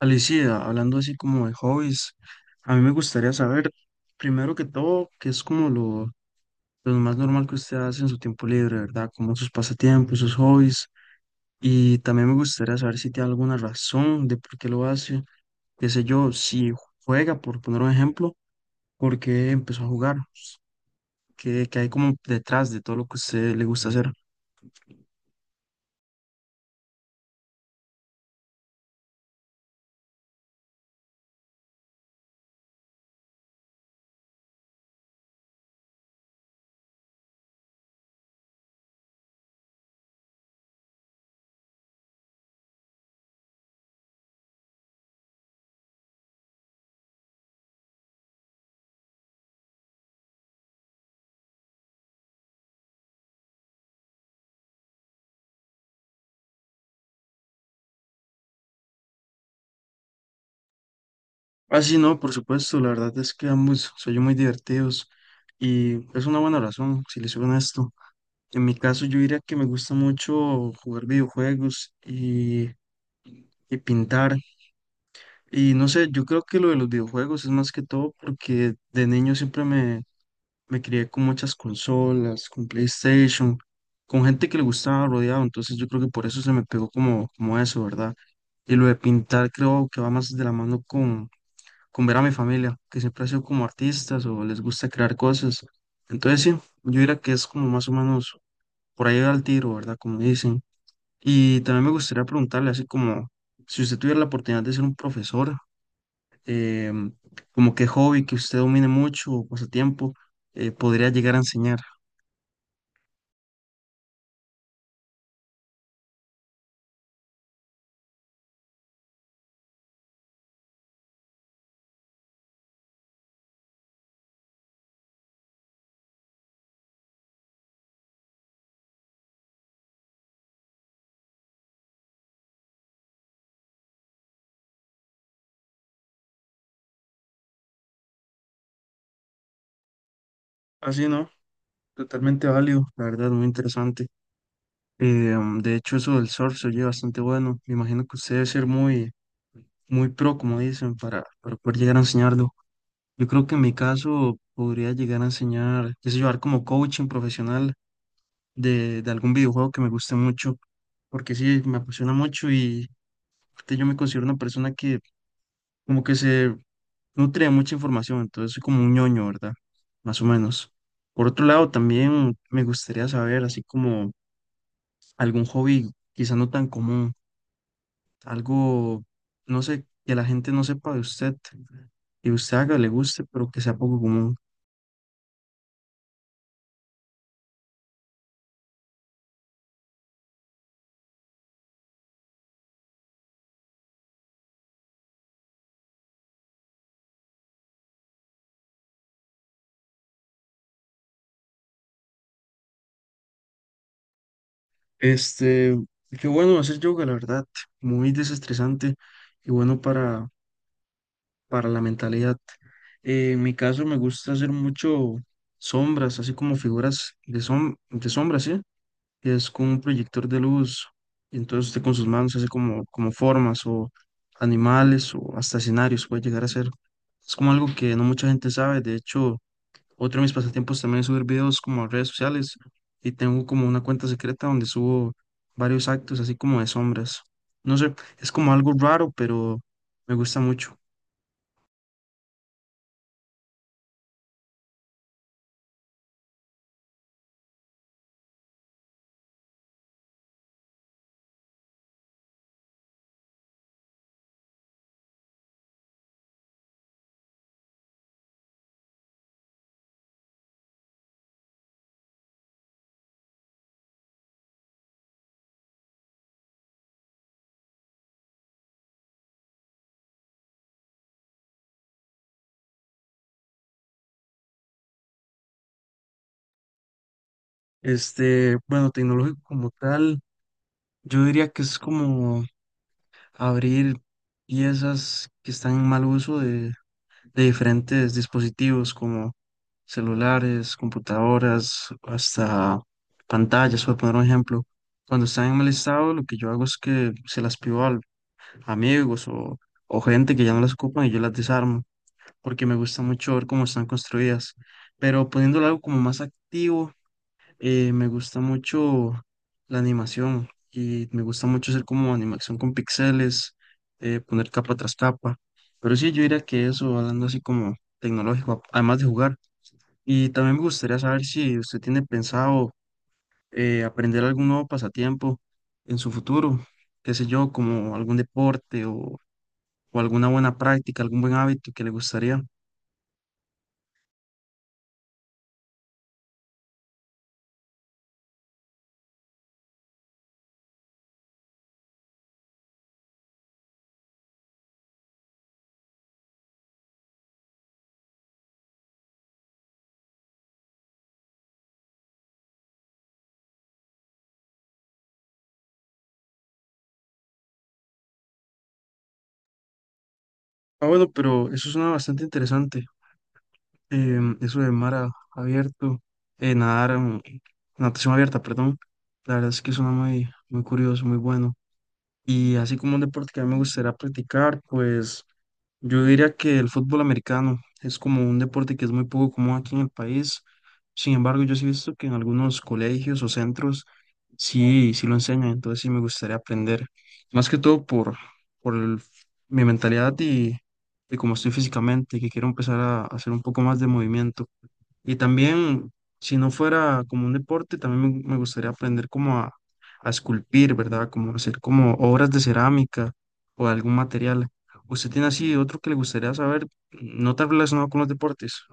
Alicia, hablando así como de hobbies, a mí me gustaría saber, primero que todo, qué es como lo más normal que usted hace en su tiempo libre, ¿verdad? Como sus pasatiempos, sus hobbies. Y también me gustaría saber si tiene alguna razón de por qué lo hace. Qué sé yo, si juega, por poner un ejemplo, por qué empezó a jugar, qué hay como detrás de todo lo que a usted le gusta hacer. Así no, por supuesto, la verdad es que ambos soy muy divertidos y es una buena razón, si les soy honesto. En mi caso, yo diría que me gusta mucho jugar videojuegos y pintar. Y no sé, yo creo que lo de los videojuegos es más que todo porque de niño siempre me crié con muchas consolas, con PlayStation, con gente que le gustaba rodeado. Entonces yo creo que por eso se me pegó como, como eso, ¿verdad? Y lo de pintar creo que va más de la mano con ver a mi familia, que siempre ha sido como artistas o les gusta crear cosas. Entonces sí, yo diría que es como más o menos por ahí al tiro, ¿verdad? Como dicen. Y también me gustaría preguntarle, así como si usted tuviera la oportunidad de ser un profesor, em, como qué hobby que usted domine mucho o pasatiempo podría llegar a enseñar. Así, ¿no? Totalmente válido, la verdad, muy interesante. De hecho, eso del surf se oye bastante bueno. Me imagino que usted debe ser muy, muy pro, como dicen, para poder llegar a enseñarlo. Yo creo que en mi caso podría llegar a enseñar, qué sé yo, dar como coaching profesional de algún videojuego que me guste mucho porque sí, me apasiona mucho y aparte, yo me considero una persona que como que se nutre de mucha información, entonces soy como un ñoño, ¿verdad? Más o menos. Por otro lado, también me gustaría saber, así como algún hobby quizá no tan común, algo, no sé, que la gente no sepa de usted y usted haga, le guste, pero que sea poco común. Este, qué bueno hacer yoga, la verdad, muy desestresante y bueno para la mentalidad. En mi caso me gusta hacer mucho sombras, así como figuras de, som de sombras, ¿sí? Que es con un proyector de luz. Entonces usted con sus manos hace como, como formas o animales o hasta escenarios puede llegar a ser. Es como algo que no mucha gente sabe. De hecho, otro de mis pasatiempos también es subir videos como a redes sociales y tengo como una cuenta secreta donde subo varios actos así como de sombras. No sé, es como algo raro, pero me gusta mucho. Este, bueno, tecnológico como tal, yo diría que es como abrir piezas que están en mal uso de diferentes dispositivos como celulares, computadoras, hasta pantallas, por poner un ejemplo. Cuando están en mal estado, lo que yo hago es que se las pido a amigos o gente que ya no las ocupan y yo las desarmo, porque me gusta mucho ver cómo están construidas. Pero poniéndolo algo como más activo. Me gusta mucho la animación y me gusta mucho hacer como animación con píxeles, poner capa tras capa. Pero sí, yo diría que eso, hablando así como tecnológico, además de jugar. Y también me gustaría saber si usted tiene pensado aprender algún nuevo pasatiempo en su futuro, qué sé yo, como algún deporte o alguna buena práctica, algún buen hábito que le gustaría. Ah, bueno, pero eso suena bastante interesante. Eso de mar abierto, nadar, natación abierta, perdón, la verdad es que suena muy, muy curioso, muy bueno. Y así como un deporte que a mí me gustaría practicar, pues yo diría que el fútbol americano es como un deporte que es muy poco común aquí en el país. Sin embargo, yo sí he visto que en algunos colegios o centros sí lo enseñan, entonces sí me gustaría aprender. Más que todo por, por el- mi mentalidad y cómo estoy físicamente, que quiero empezar a hacer un poco más de movimiento. Y también, si no fuera como un deporte, también me gustaría aprender como a esculpir, ¿verdad? Como hacer como obras de cerámica o algún material. ¿Usted tiene así otro que le gustaría saber, no tan relacionado con los deportes?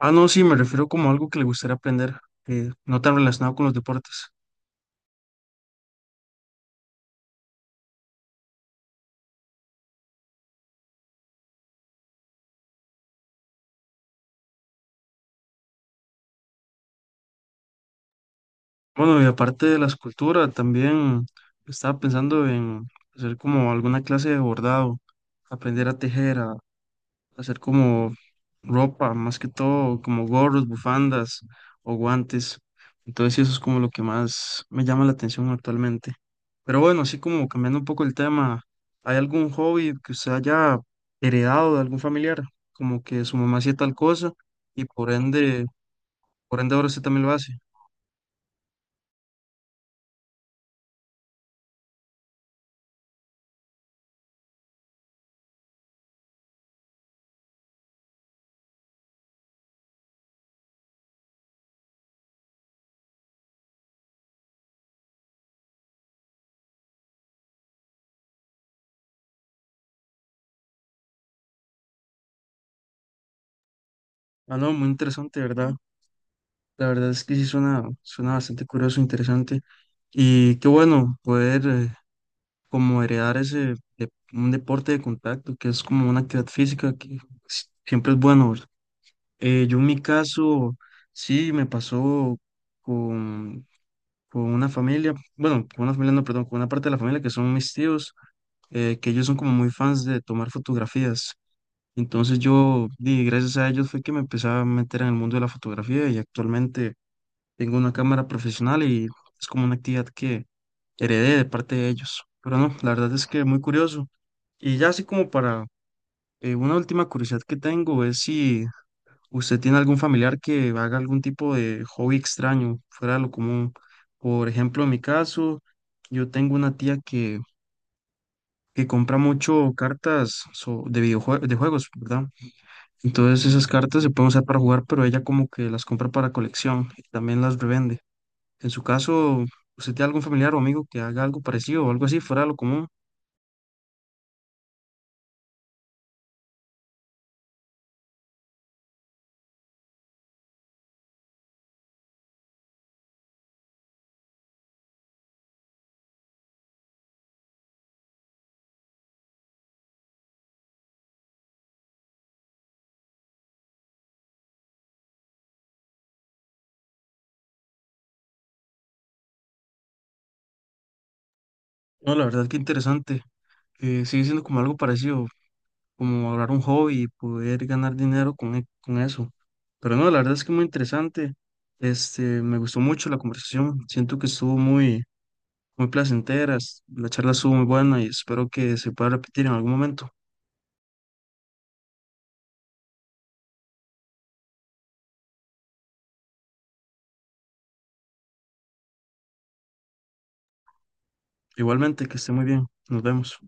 Ah, no, sí, me refiero como a algo que le gustaría aprender, no tan relacionado con los deportes. Bueno, y aparte de la escultura, también estaba pensando en hacer como alguna clase de bordado, aprender a tejer, hacer como ropa, más que todo, como gorros, bufandas o guantes. Entonces, sí, eso es como lo que más me llama la atención actualmente. Pero bueno, así como cambiando un poco el tema, ¿hay algún hobby que usted haya heredado de algún familiar? Como que su mamá hacía tal cosa y por ende ahora usted también lo hace. Ah, no, muy interesante, ¿verdad? La verdad es que sí suena, suena bastante curioso, interesante. Y qué bueno poder como heredar un deporte de contacto, que es como una actividad física que siempre es bueno. ¿Verdad? Yo en mi caso, sí, me pasó con, con una familia, bueno, con una familia, no, perdón, con una parte de la familia que son mis tíos, que ellos son como muy fans de tomar fotografías. Entonces gracias a ellos fue que me empecé a meter en el mundo de la fotografía y actualmente tengo una cámara profesional y es como una actividad que heredé de parte de ellos. Pero no, la verdad es que muy curioso. Y ya así como para una última curiosidad que tengo es si usted tiene algún familiar que haga algún tipo de hobby extraño, fuera de lo común. Por ejemplo, en mi caso, yo tengo una tía que compra mucho cartas de videojuegos, de juegos, ¿verdad? Entonces esas cartas se pueden usar para jugar, pero ella como que las compra para colección y también las revende. En su caso, ¿usted tiene algún familiar o amigo que haga algo parecido o algo así, fuera de lo común? No, la verdad que interesante sigue siendo como algo parecido. Como hablar un hobby y poder ganar dinero con, con eso. Pero no, la verdad es que muy interesante. Este, me gustó mucho la conversación. Siento que estuvo muy, muy placentera. La charla estuvo muy buena y espero que se pueda repetir en algún momento. Igualmente, que esté muy bien. Nos vemos.